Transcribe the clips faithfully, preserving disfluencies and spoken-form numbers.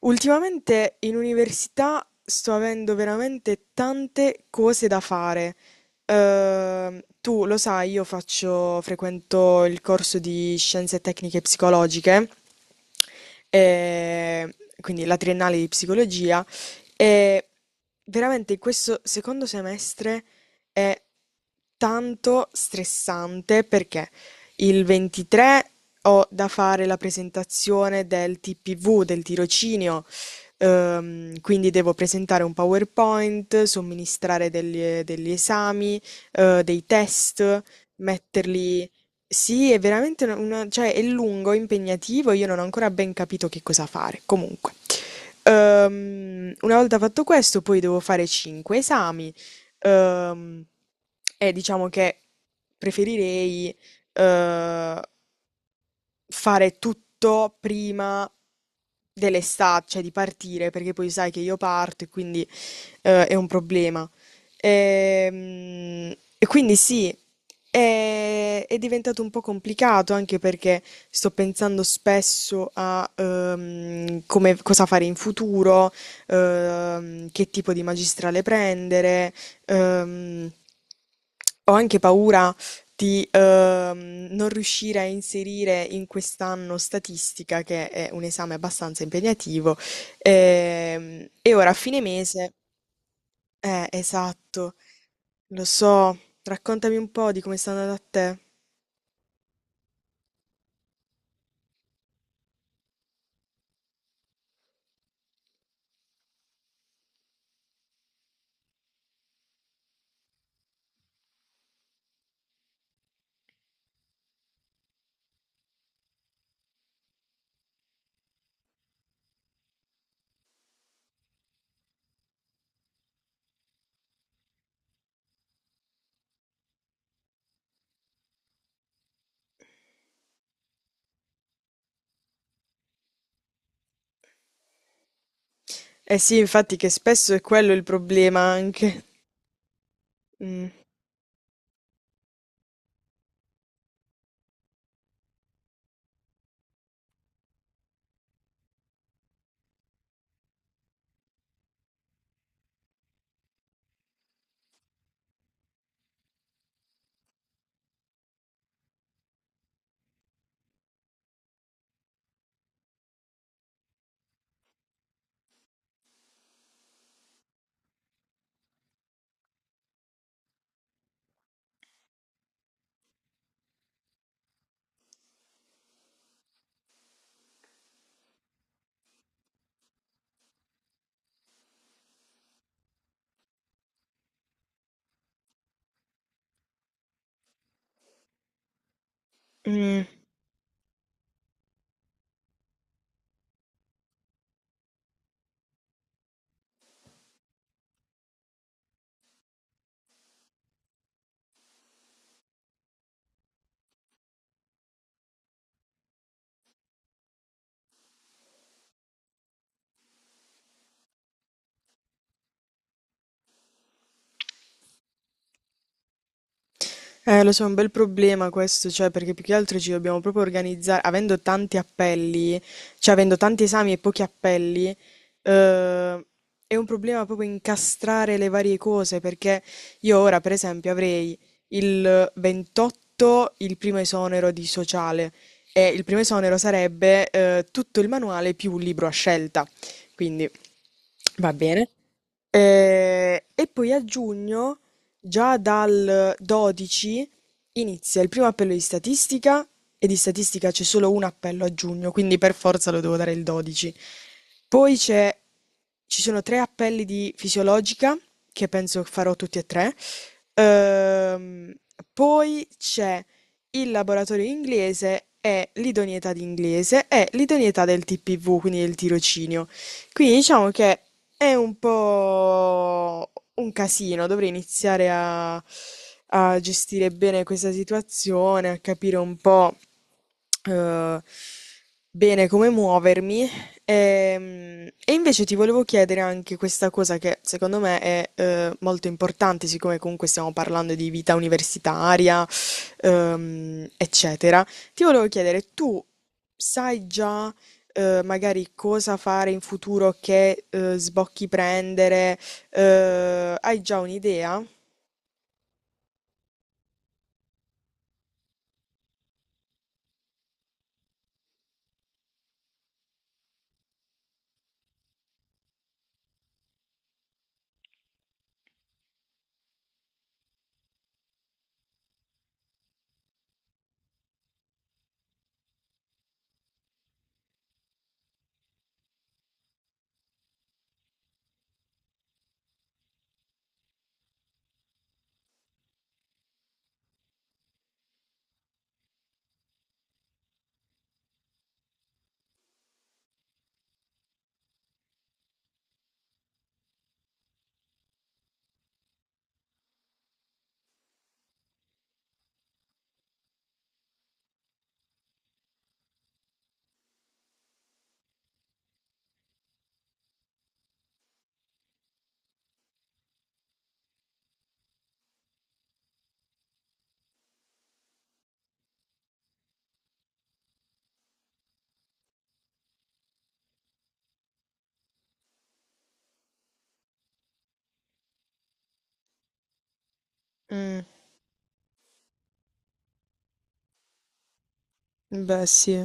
Ultimamente in università sto avendo veramente tante cose da fare. Ehm, tu lo sai, io faccio, frequento il corso di scienze tecniche psicologiche, e quindi la triennale di psicologia, e veramente questo secondo semestre è tanto stressante. Perché? Il ventitré ho da fare la presentazione del T P V, del tirocinio. Ehm, quindi devo presentare un PowerPoint, somministrare degli, degli esami, eh, dei test, metterli... Sì, è veramente una, una- cioè è lungo, impegnativo, io non ho ancora ben capito che cosa fare. Comunque. Ehm, una volta fatto questo, poi devo fare cinque esami. ehm, e diciamo che preferirei eh, fare tutto prima dell'estate, cioè di partire, perché poi sai che io parto e quindi eh, è un problema. Ehm, E, quindi sì, è, è diventato un po' complicato anche perché sto pensando spesso a ehm, come, cosa fare in futuro, ehm, che tipo di magistrale prendere. ehm, Ho anche paura di ehm, non riuscire a inserire in quest'anno statistica, che è un esame abbastanza impegnativo, ehm, e ora a fine mese, eh, esatto, lo so, raccontami un po' di come sta andando a te. Eh sì, infatti che spesso è quello il problema anche. Mm. Mm. Eh, lo so, è un bel problema questo, cioè, perché più che altro ci dobbiamo proprio organizzare, avendo tanti appelli, cioè avendo tanti esami e pochi appelli, eh, è un problema proprio incastrare le varie cose, perché io ora, per esempio, avrei il ventotto il primo esonero di sociale e il primo esonero sarebbe, eh, tutto il manuale più un libro a scelta. Quindi, va bene. Eh, e poi a giugno, già dal dodici, inizia il primo appello di statistica e di statistica c'è solo un appello a giugno, quindi per forza lo devo dare il dodici. Poi c'è- Ci sono tre appelli di fisiologica, che penso farò tutti e tre. Ehm, poi c'è il laboratorio inglese e l'idoneità di inglese e l'idoneità del T P V, quindi del tirocinio. Quindi diciamo che è un po' un casino, dovrei iniziare a, a gestire bene questa situazione, a capire un po' eh, bene come muovermi. Ehm, E, invece ti volevo chiedere anche questa cosa che secondo me è eh, molto importante, siccome comunque stiamo parlando di vita universitaria, ehm, eccetera. Ti volevo chiedere, tu sai già eh, magari cosa fare in futuro, che eh, sbocchi prendere, eh, hai già un'idea? Mm, beh, sì.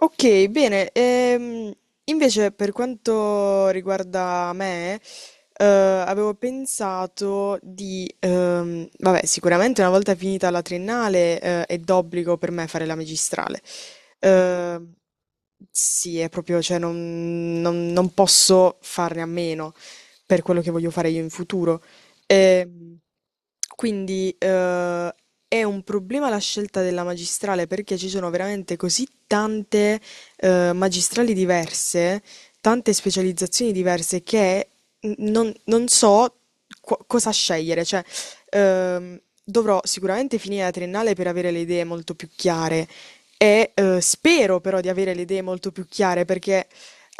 Ok, bene. Ehm, invece per quanto riguarda me, eh, avevo pensato di, ehm, vabbè, sicuramente una volta finita la triennale, eh, è d'obbligo per me fare la magistrale. Eh, sì, è proprio, cioè, non, non- non posso farne a meno per quello che voglio fare io in futuro. Ehm, quindi eh, è un problema la scelta della magistrale perché ci sono veramente così tante eh, magistrali diverse, tante specializzazioni diverse che n- non, non so qu- cosa scegliere. Cioè, ehm, dovrò sicuramente finire la triennale per avere le idee molto più chiare. E eh, spero però di avere le idee molto più chiare perché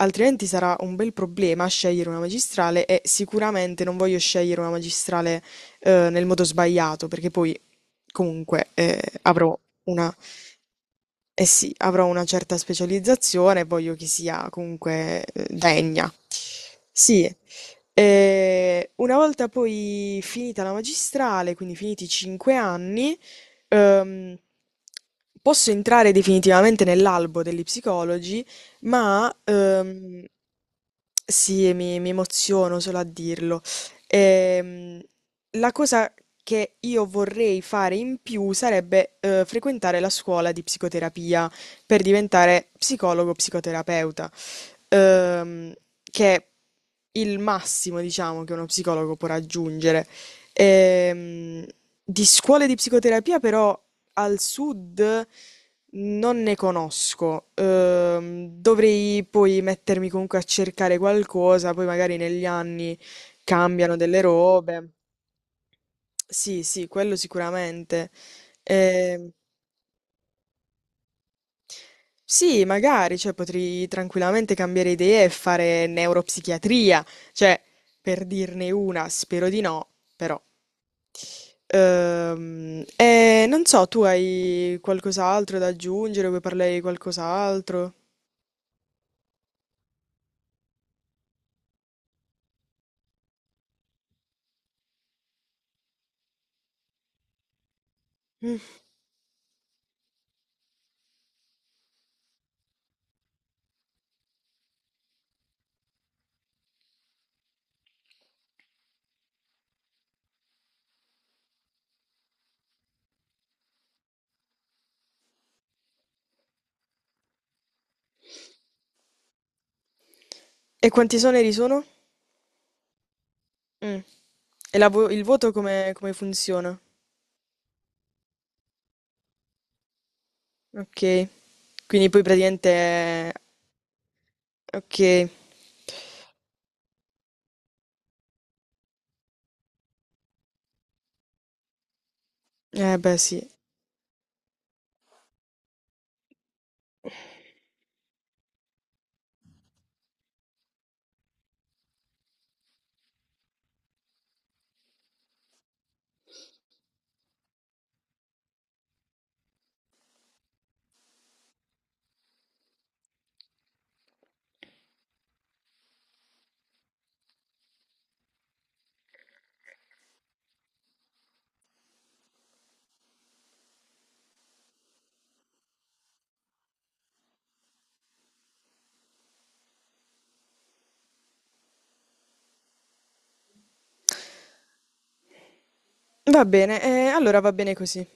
altrimenti sarà un bel problema scegliere una magistrale e sicuramente non voglio scegliere una magistrale eh, nel modo sbagliato, perché poi comunque eh, avrò una, eh sì, avrò una certa specializzazione e voglio che sia comunque eh, degna. Sì. Eh, una volta poi finita la magistrale, quindi finiti i cinque anni, ehm, posso entrare definitivamente nell'albo degli psicologi, ma ehm, sì, mi, mi emoziono solo a dirlo. Ehm, la cosa che io vorrei fare in più sarebbe eh, frequentare la scuola di psicoterapia per diventare psicologo psicoterapeuta, ehm, che è il massimo, diciamo, che uno psicologo può raggiungere. Ehm, di scuole di psicoterapia però al sud non ne conosco. Ehm, dovrei poi mettermi comunque a cercare qualcosa, poi magari negli anni cambiano delle robe. Sì, sì, quello sicuramente. Ehm, sì, magari, cioè, potrei tranquillamente cambiare idea e fare neuropsichiatria, cioè, per dirne una, spero di no, però. Ehm, e non so, tu hai qualcos'altro da aggiungere? Vuoi parlare di qualcos'altro? Mm. E quanti esoneri sono? Mm. E la vo- il voto come, come funziona? Ok. Quindi poi praticamente... è- Ok. Eh beh sì. Va bene, eh, allora va bene così.